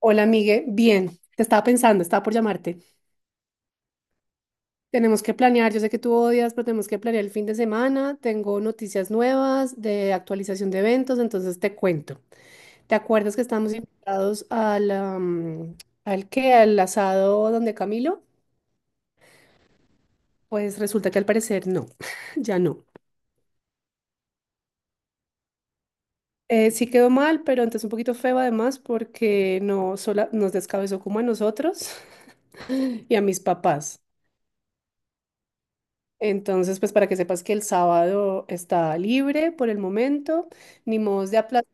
Hola, Migue. Bien, te estaba pensando, estaba por llamarte. Tenemos que planear, yo sé que tú odias, pero tenemos que planear el fin de semana. Tengo noticias nuevas de actualización de eventos, entonces te cuento. ¿Te acuerdas que estábamos invitados al, al qué? ¿Al asado donde Camilo? Pues resulta que al parecer no, ya no. Sí quedó mal, pero entonces un poquito feo además porque no sola, nos descabezó como a nosotros y a mis papás. Entonces, pues para que sepas que el sábado está libre por el momento, ni modos de aplazar.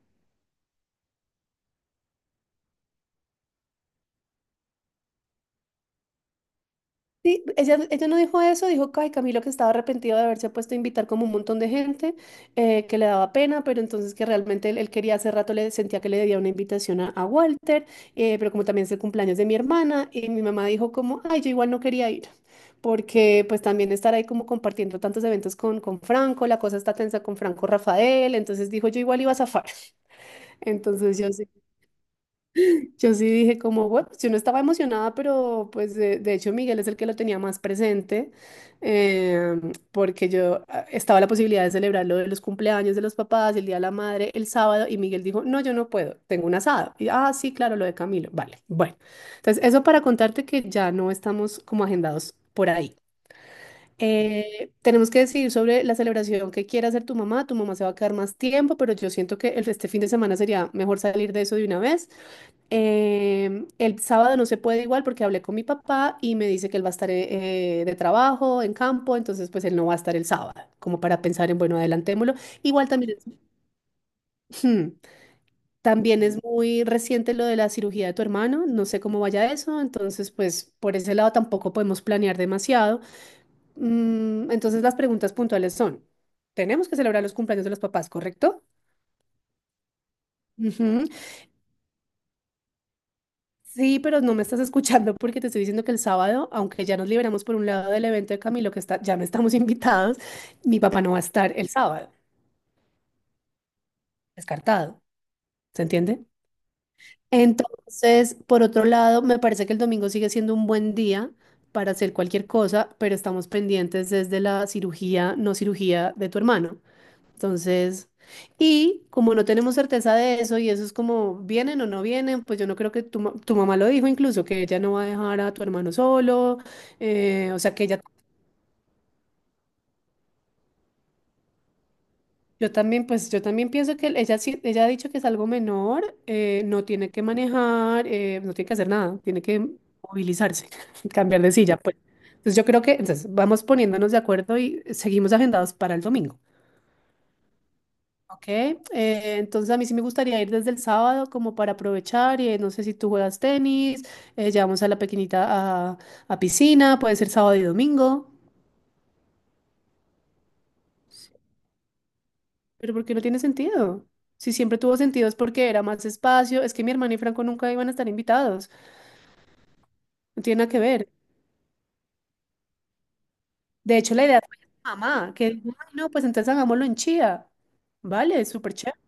Sí, ella no dijo eso, dijo que ay, Camilo que estaba arrepentido de haberse puesto a invitar como un montón de gente, que le daba pena, pero entonces que realmente él quería hace rato, le sentía que le debía una invitación a Walter, pero como también es el cumpleaños de mi hermana, y mi mamá dijo como, ay, yo igual no quería ir, porque pues también estar ahí como compartiendo tantos eventos con Franco, la cosa está tensa con Franco Rafael, entonces dijo, yo igual iba a zafar. Entonces yo Yo sí dije como, bueno, yo no estaba emocionada, pero pues de hecho Miguel es el que lo tenía más presente, eh, porque yo estaba la posibilidad de celebrar lo de los cumpleaños de los papás, el Día de la Madre, el sábado, y Miguel dijo, no, yo no puedo, tengo un asado. Y, ah, sí, claro, lo de Camilo. Vale, bueno. Entonces, eso para contarte que ya no estamos como agendados por ahí. Tenemos que decidir sobre la celebración que quiera hacer tu mamá. Tu mamá se va a quedar más tiempo, pero yo siento que este fin de semana sería mejor salir de eso de una vez. El sábado no se puede igual porque hablé con mi papá y me dice que él va a estar de trabajo, en campo, entonces pues él no va a estar el sábado, como para pensar en, bueno, adelantémoslo. Igual también es, ujú, también es muy reciente lo de la cirugía de tu hermano, no sé cómo vaya eso, entonces pues por ese lado tampoco podemos planear demasiado. Mm, entonces las preguntas puntuales son, ¿tenemos que celebrar los cumpleaños de los papás, correcto? Ujú. Sí, pero no me estás escuchando porque te estoy diciendo que el sábado, aunque ya nos liberamos por un lado del evento de Camilo, que está, ya no estamos invitados, mi papá no va a estar el sábado, descartado, ¿se entiende? Entonces, por otro lado, me parece que el domingo sigue siendo un buen día para hacer cualquier cosa, pero estamos pendientes desde la cirugía, no cirugía de tu hermano. Entonces, y como no tenemos certeza de eso y eso es como vienen o no vienen, pues yo no creo que tu mamá lo dijo incluso, que ella no va a dejar a tu hermano solo, o sea que ella, yo también, pues yo también pienso que ella, ella ha dicho que es algo menor, no tiene que manejar, no tiene que hacer nada, tiene que movilizarse, cambiar de silla, pues. Entonces yo creo que, entonces vamos poniéndonos de acuerdo y seguimos agendados para el domingo. Ok, entonces a mí sí me gustaría ir desde el sábado como para aprovechar y no sé si tú juegas tenis, llevamos a la pequeñita a piscina, puede ser sábado y domingo, pero ¿por qué no tiene sentido? Si siempre tuvo sentido es porque era más espacio, es que mi hermana y Franco nunca iban a estar invitados, no tiene nada que ver. De hecho, la idea fue de mi mamá, que dijo, "Ay, no, pues entonces hagámoslo en Chía, vale, súper chévere".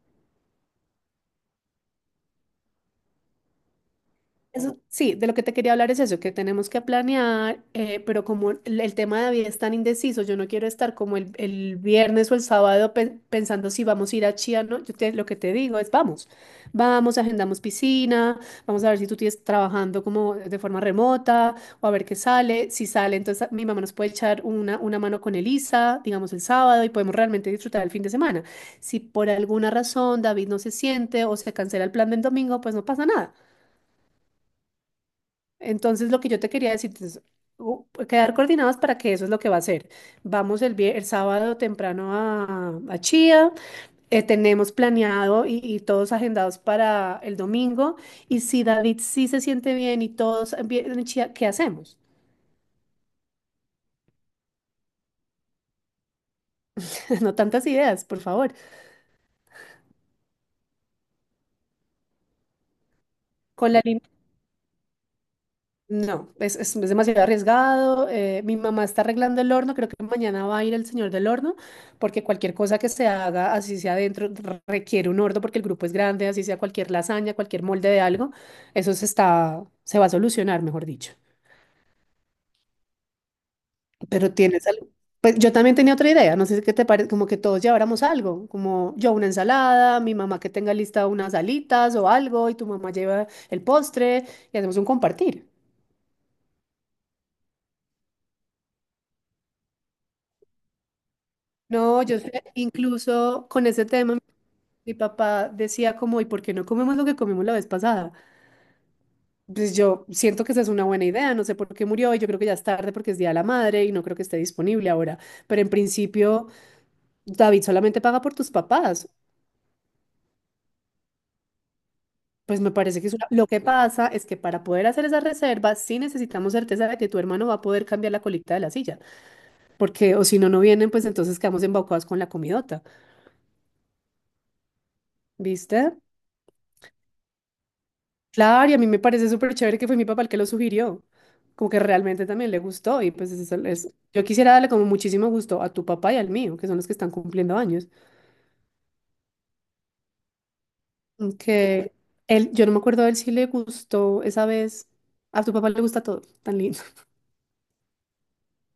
Eso, sí, de lo que te quería hablar es eso, que tenemos que planear, pero como el tema de David es tan indeciso, yo no quiero estar como el viernes o el sábado pensando si vamos a ir a Chía, ¿no? Lo que te digo es vamos, agendamos piscina, vamos a ver si tú tienes trabajando como de forma remota o a ver qué sale. Si sale, entonces mi mamá nos puede echar una mano con Elisa, digamos el sábado, y podemos realmente disfrutar el fin de semana. Si por alguna razón David no se siente o se cancela el plan del domingo, pues no pasa nada. Entonces, lo que yo te quería decir es quedar coordinados para que eso es lo que va a hacer. Vamos el sábado temprano a Chía, tenemos planeado y todos agendados para el domingo. Y si David sí se siente bien y todos bien en Chía, ¿qué hacemos? No tantas ideas, por favor. Con la. No, es demasiado arriesgado. Mi mamá está arreglando el horno. Creo que mañana va a ir el señor del horno, porque cualquier cosa que se haga, así sea adentro, requiere un horno, porque el grupo es grande, así sea cualquier lasaña, cualquier molde de algo, eso se está, se va a solucionar, mejor dicho. Pero tienes algo. Pues yo también tenía otra idea, no sé qué te parece, como que todos lleváramos algo, como yo una ensalada, mi mamá que tenga lista unas alitas o algo, y tu mamá lleva el postre y hacemos un compartir. No, yo sé, incluso con ese tema. Mi papá decía como, ¿y por qué no comemos lo que comimos la vez pasada? Pues yo siento que esa es una buena idea, no sé por qué murió y yo creo que ya es tarde porque es Día de la Madre y no creo que esté disponible ahora, pero en principio David solamente paga por tus papás. Pues me parece que es una... Lo que pasa es que para poder hacer esa reserva sí necesitamos certeza de que tu hermano va a poder cambiar la colita de la silla, porque o si no, no vienen, pues entonces quedamos embaucados con la comidota, ¿viste? Claro, y a mí me parece súper chévere que fue mi papá el que lo sugirió, como que realmente también le gustó y pues eso es, yo quisiera darle como muchísimo gusto a tu papá y al mío, que son los que están cumpliendo años, que él, yo no me acuerdo de él si le gustó esa vez, a tu papá le gusta todo, tan lindo.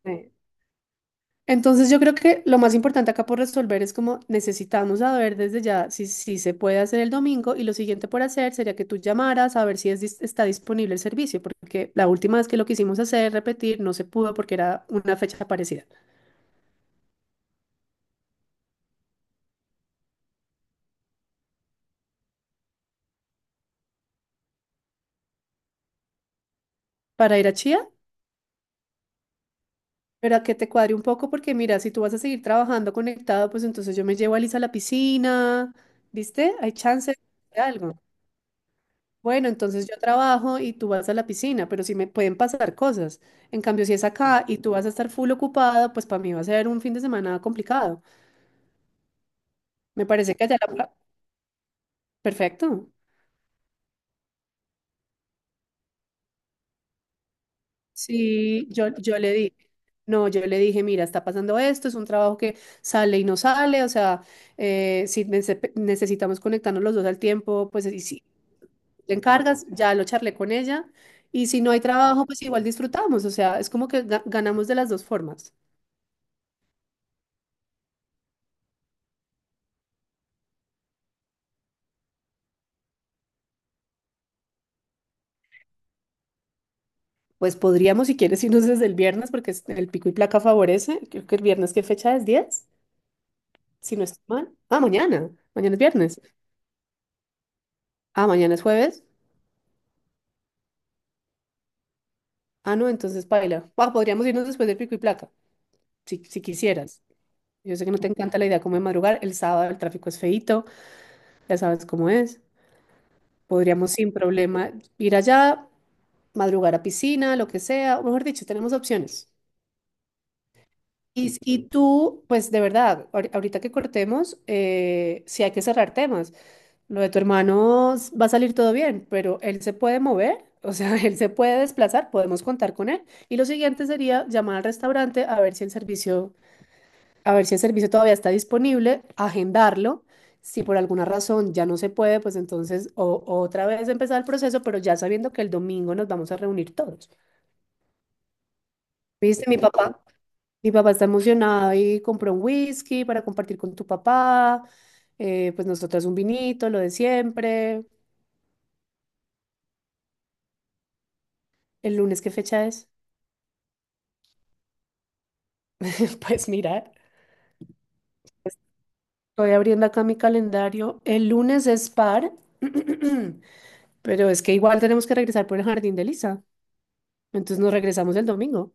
Entonces yo creo que lo más importante acá por resolver es como necesitamos saber desde ya si se puede hacer el domingo y lo siguiente por hacer sería que tú llamaras a ver si es está disponible el servicio, porque la última vez que lo quisimos hacer, repetir, no se pudo porque era una fecha parecida. Para ir a Chía, pero a que te cuadre un poco porque mira, si tú vas a seguir trabajando conectado, pues entonces yo me llevo a Lisa a la piscina, ¿viste? Hay chance de algo. Bueno, entonces yo trabajo y tú vas a la piscina, pero sí me pueden pasar cosas. En cambio, si es acá y tú vas a estar full ocupada, pues para mí va a ser un fin de semana complicado. Me parece que allá la... Perfecto. Sí, yo le dije, no, yo le dije, mira, está pasando esto, es un trabajo que sale y no sale, o sea, si necesitamos conectarnos los dos al tiempo, pues y si te encargas, ya lo charlé con ella, y si no hay trabajo, pues igual disfrutamos, o sea, es como que ganamos de las dos formas. Pues podríamos, si quieres, irnos desde el viernes, porque el pico y placa favorece. Creo que el viernes, ¿qué fecha es? ¿10? Si no estoy mal. Ah, mañana. Mañana es viernes. Ah, mañana es jueves. Ah, no, entonces paila. Ah, podríamos irnos después del pico y placa, si quisieras. Yo sé que no te encanta la idea como de madrugar. El sábado el tráfico es feíto, ya sabes cómo es. Podríamos sin problema ir allá, madrugar a piscina, lo que sea. O mejor dicho, tenemos opciones. Y tú, pues de verdad, ahorita que cortemos, sí hay que cerrar temas. Lo de tu hermano va a salir todo bien, pero él se puede mover, o sea, él se puede desplazar, podemos contar con él. Y lo siguiente sería llamar al restaurante a ver si el servicio, a ver si el servicio todavía está disponible, agendarlo. Si por alguna razón ya no se puede, pues entonces otra vez empezar el proceso, pero ya sabiendo que el domingo nos vamos a reunir todos. ¿Viste, mi papá? Mi papá está emocionado y compró un whisky para compartir con tu papá. Pues nosotras un vinito, lo de siempre. ¿El lunes qué fecha es? Pues mira, estoy abriendo acá mi calendario. El lunes es par, pero es que igual tenemos que regresar por el jardín de Lisa. Entonces nos regresamos el domingo.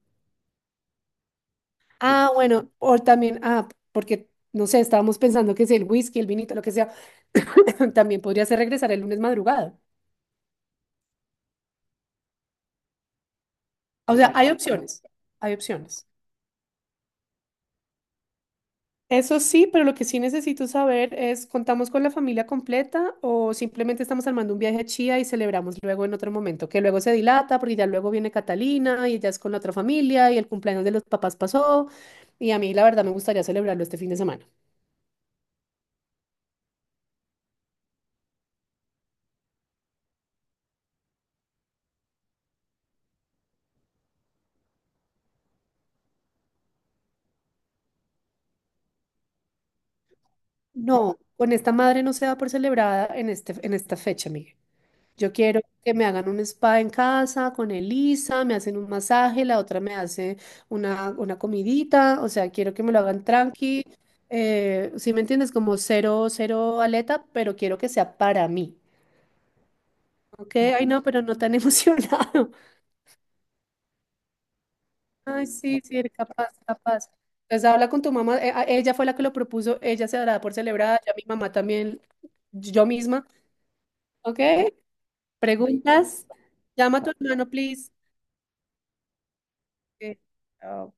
Ah, bueno, o también, ah, porque no sé, estábamos pensando que si el whisky, el vinito, lo que sea, también podría ser regresar el lunes madrugada. O sea, hay opciones, hay opciones. Eso sí, pero lo que sí necesito saber es, ¿contamos con la familia completa o simplemente estamos armando un viaje a Chía y celebramos luego en otro momento? Que luego se dilata porque ya luego viene Catalina y ella es con la otra familia y el cumpleaños de los papás pasó y a mí la verdad me gustaría celebrarlo este fin de semana. No, con esta madre no se da por celebrada en este, en esta fecha, Miguel. Yo quiero que me hagan un spa en casa con Elisa, me hacen un masaje, la otra me hace una comidita, o sea, quiero que me lo hagan tranqui. Si me entiendes, como cero, cero aleta, pero quiero que sea para mí. Ok, ay no, pero no tan emocionado. Ay, sí, sí, eres capaz, capaz. Entonces habla con tu mamá, ella fue la que lo propuso, ella se dará por celebrada, ya mi mamá también, yo misma. Ok, preguntas, llama a tu hermano, please. Ok, chao.